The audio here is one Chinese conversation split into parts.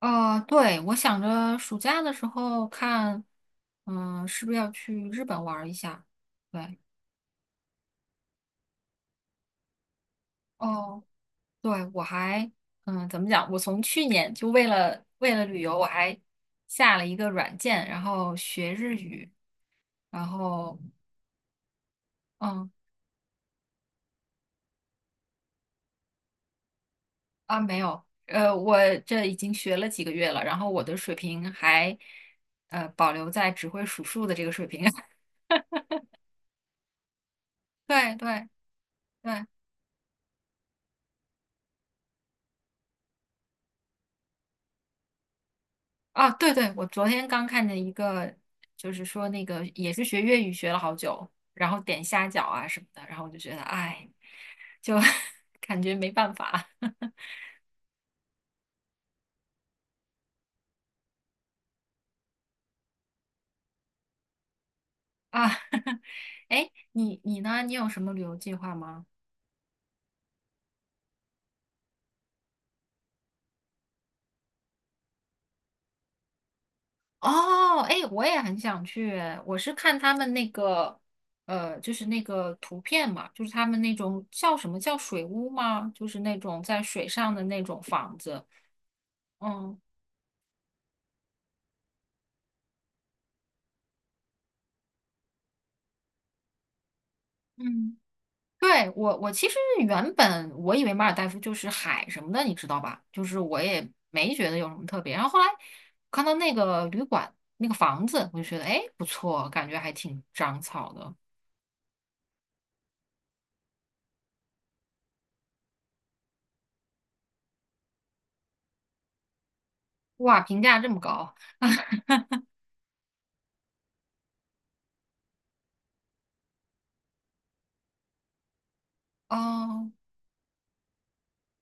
对，我想着暑假的时候看，嗯，是不是要去日本玩儿一下？对，哦，对，我还，怎么讲？我从去年就为了旅游，我还下了一个软件，然后学日语，然后，嗯，啊，没有，我这已经学了几个月了，然后我的水平还，保留在只会数数的这个水平。对对对，啊，对对，我昨天刚看见一个，就是说那个也是学粤语学了好久，然后点虾饺啊什么的，然后我就觉得，哎，就 感觉没办法 啊。哎，你呢？你有什么旅游计划吗？哦，哎，我也很想去，我是看他们那个，就是那个图片嘛，就是他们那种叫什么叫水屋吗？就是那种在水上的那种房子。嗯嗯。对，我其实原本我以为马尔代夫就是海什么的，你知道吧？就是我也没觉得有什么特别。然后后来看到那个旅馆那个房子，我就觉得哎不错，感觉还挺长草的。哇，评价这么高，哦、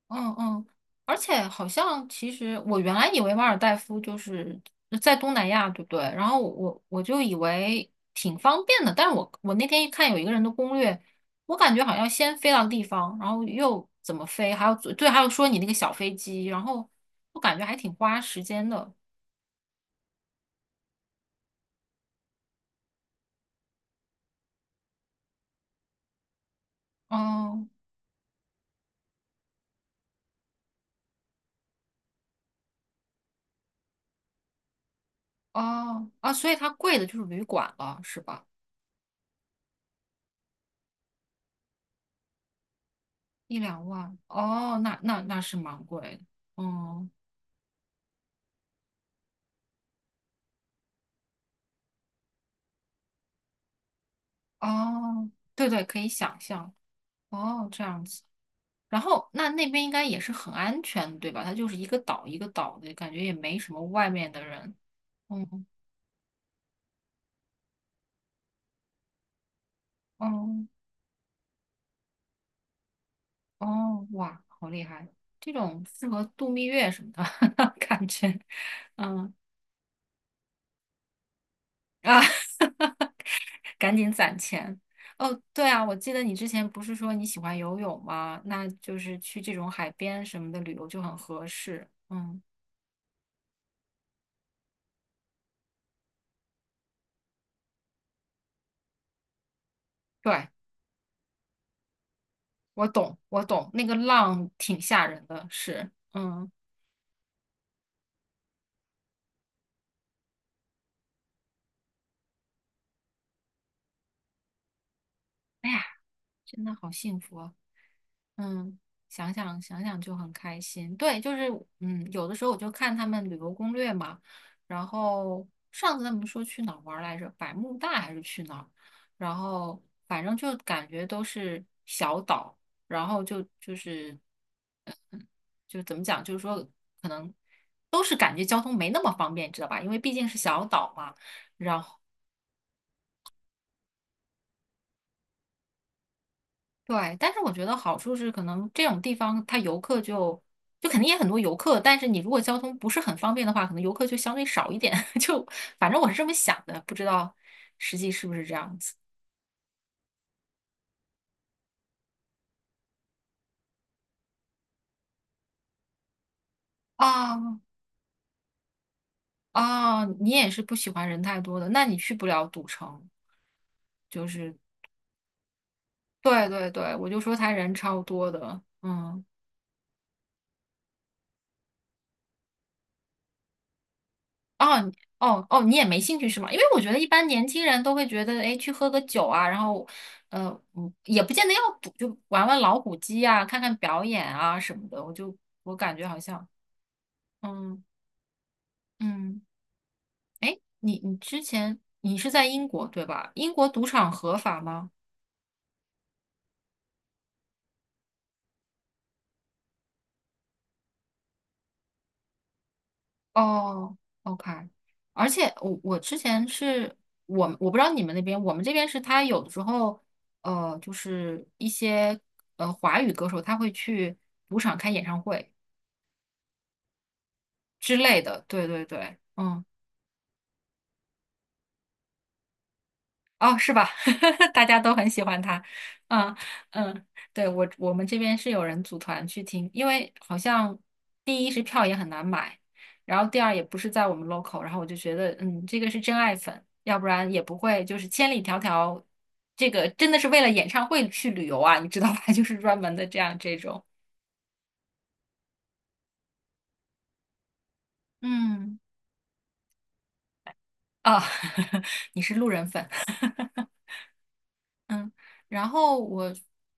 嗯嗯，而且好像其实我原来以为马尔代夫就是在东南亚，对不对？然后我就以为挺方便的，但是我那天一看有一个人的攻略，我感觉好像先飞到地方，然后又怎么飞，还有对，还有说你那个小飞机，然后我感觉还挺花时间的。哦哦啊，所以它贵的就是旅馆了，是吧？一两万哦，那是蛮贵的。嗯哦，对对，可以想象。哦，这样子。然后那边应该也是很安全的对吧？它就是一个岛一个岛的，感觉也没什么外面的人。嗯，哦，哦，哇，好厉害！这种适合度蜜月什么的 感觉。嗯啊，赶紧攒钱。哦，对啊，我记得你之前不是说你喜欢游泳吗？那就是去这种海边什么的旅游就很合适。嗯，对，我懂，我懂，那个浪挺吓人的，是，嗯。哎呀。真的好幸福啊，嗯，想想想想就很开心。对，就是有的时候我就看他们旅游攻略嘛，然后上次他们说去哪儿玩儿来着，百慕大还是去哪儿，然后反正就感觉都是小岛，然后就是 就怎么讲，就是说可能都是感觉交通没那么方便，知道吧？因为毕竟是小岛嘛。然后。对，但是我觉得好处是，可能这种地方它游客就肯定也很多游客，但是你如果交通不是很方便的话，可能游客就相对少一点。就反正我是这么想的，不知道实际是不是这样子。啊啊，你也是不喜欢人太多的，那你去不了赌城。就是对对对，我就说他人超多的，嗯。哦哦哦，你也没兴趣是吗？因为我觉得一般年轻人都会觉得，哎，去喝个酒啊，然后，呃，也不见得要赌，就玩玩老虎机啊，看看表演啊什么的。我感觉好像，嗯嗯，哎，你之前你是在英国对吧？英国赌场合法吗？哦，OK，而且我之前是我们我不知道你们那边，我们这边是他有的时候，就是一些华语歌手他会去赌场开演唱会之类的，对对对，嗯。哦，是吧？大家都很喜欢他。嗯嗯，对，我们这边是有人组团去听，因为好像第一是票也很难买，然后第二也不是在我们 local，然后我就觉得，这个是真爱粉，要不然也不会就是千里迢迢，这个真的是为了演唱会去旅游啊，你知道吧？就是专门的这样这种，嗯，啊、你是路人粉。嗯，然后我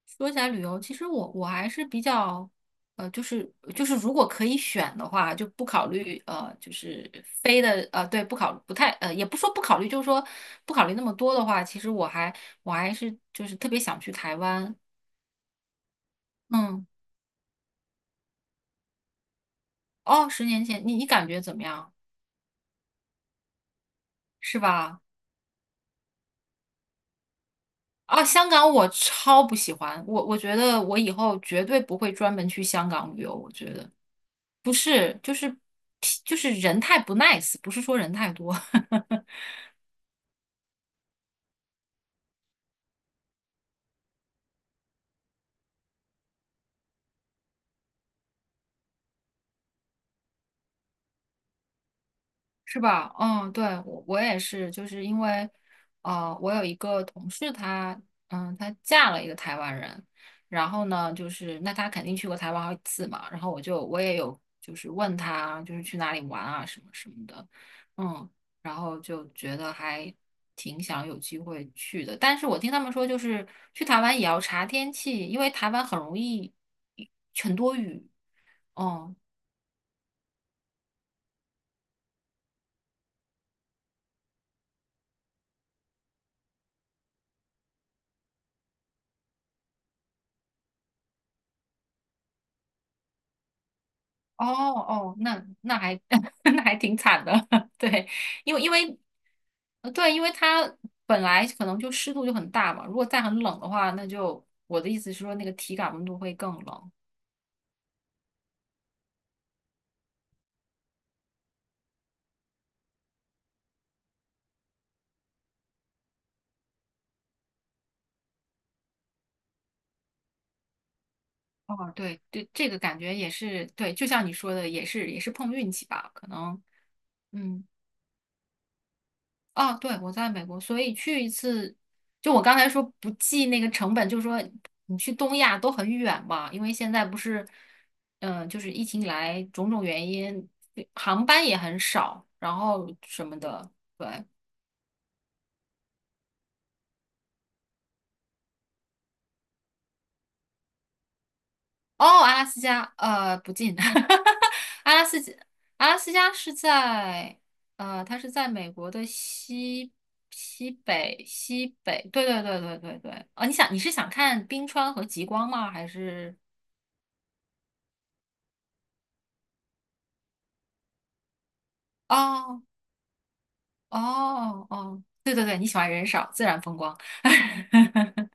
说起来旅游，其实我还是比较，呃，就是就是如果可以选的话，就不考虑就是飞的对，不考不太也不说不考虑，就是说不考虑那么多的话，其实我还是就是特别想去台湾。嗯，哦，10年前你感觉怎么样？是吧？啊，香港我超不喜欢，我觉得我以后绝对不会专门去香港旅游，我觉得。不是，就是人太不 nice，不是说人太多，是吧？嗯，对，我也是，就是因为，我有一个同事她，她嫁了一个台湾人，然后呢，就是那她肯定去过台湾好几次嘛，然后我也有就是问她就是去哪里玩啊什么什么的，嗯，然后就觉得还挺想有机会去的，但是我听他们说就是去台湾也要查天气，因为台湾很容易很多雨，嗯。哦哦，那还 那还挺惨的，对，因为对，因为它本来可能就湿度就很大嘛，如果再很冷的话，那就我的意思是说，那个体感温度会更冷。哦，对对，这个感觉也是对，就像你说的，也是碰运气吧，可能，嗯。啊，对，我在美国，所以去一次，就我刚才说不计那个成本，就是说你去东亚都很远嘛，因为现在不是，就是疫情以来种种原因，航班也很少，然后什么的。哦，阿拉斯加，不近，阿拉斯加，阿拉斯加是在，它是在美国的西北西北，对对对对对对。啊、你是想看冰川和极光吗？还是？哦哦哦，对对对，你喜欢人少，自然风光。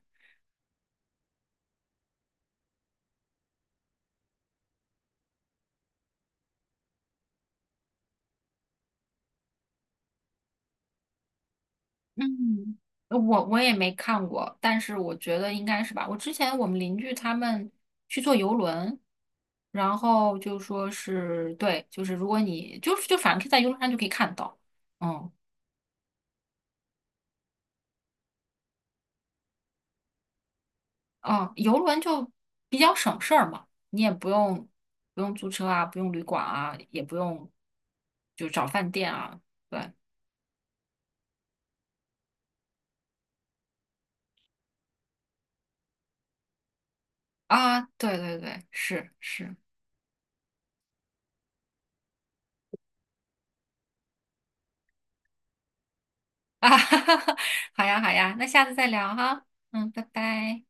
嗯，我也没看过，但是我觉得应该是吧。我之前我们邻居他们去坐游轮，然后就说是对，就是如果你就是就反正可以在游轮上就可以看到，嗯嗯，游轮就比较省事儿嘛，你也不用租车啊，不用旅馆啊，也不用就找饭店啊，对啊，对对对，是是。啊，哈哈哈，好呀好呀，那下次再聊哈，嗯，拜拜。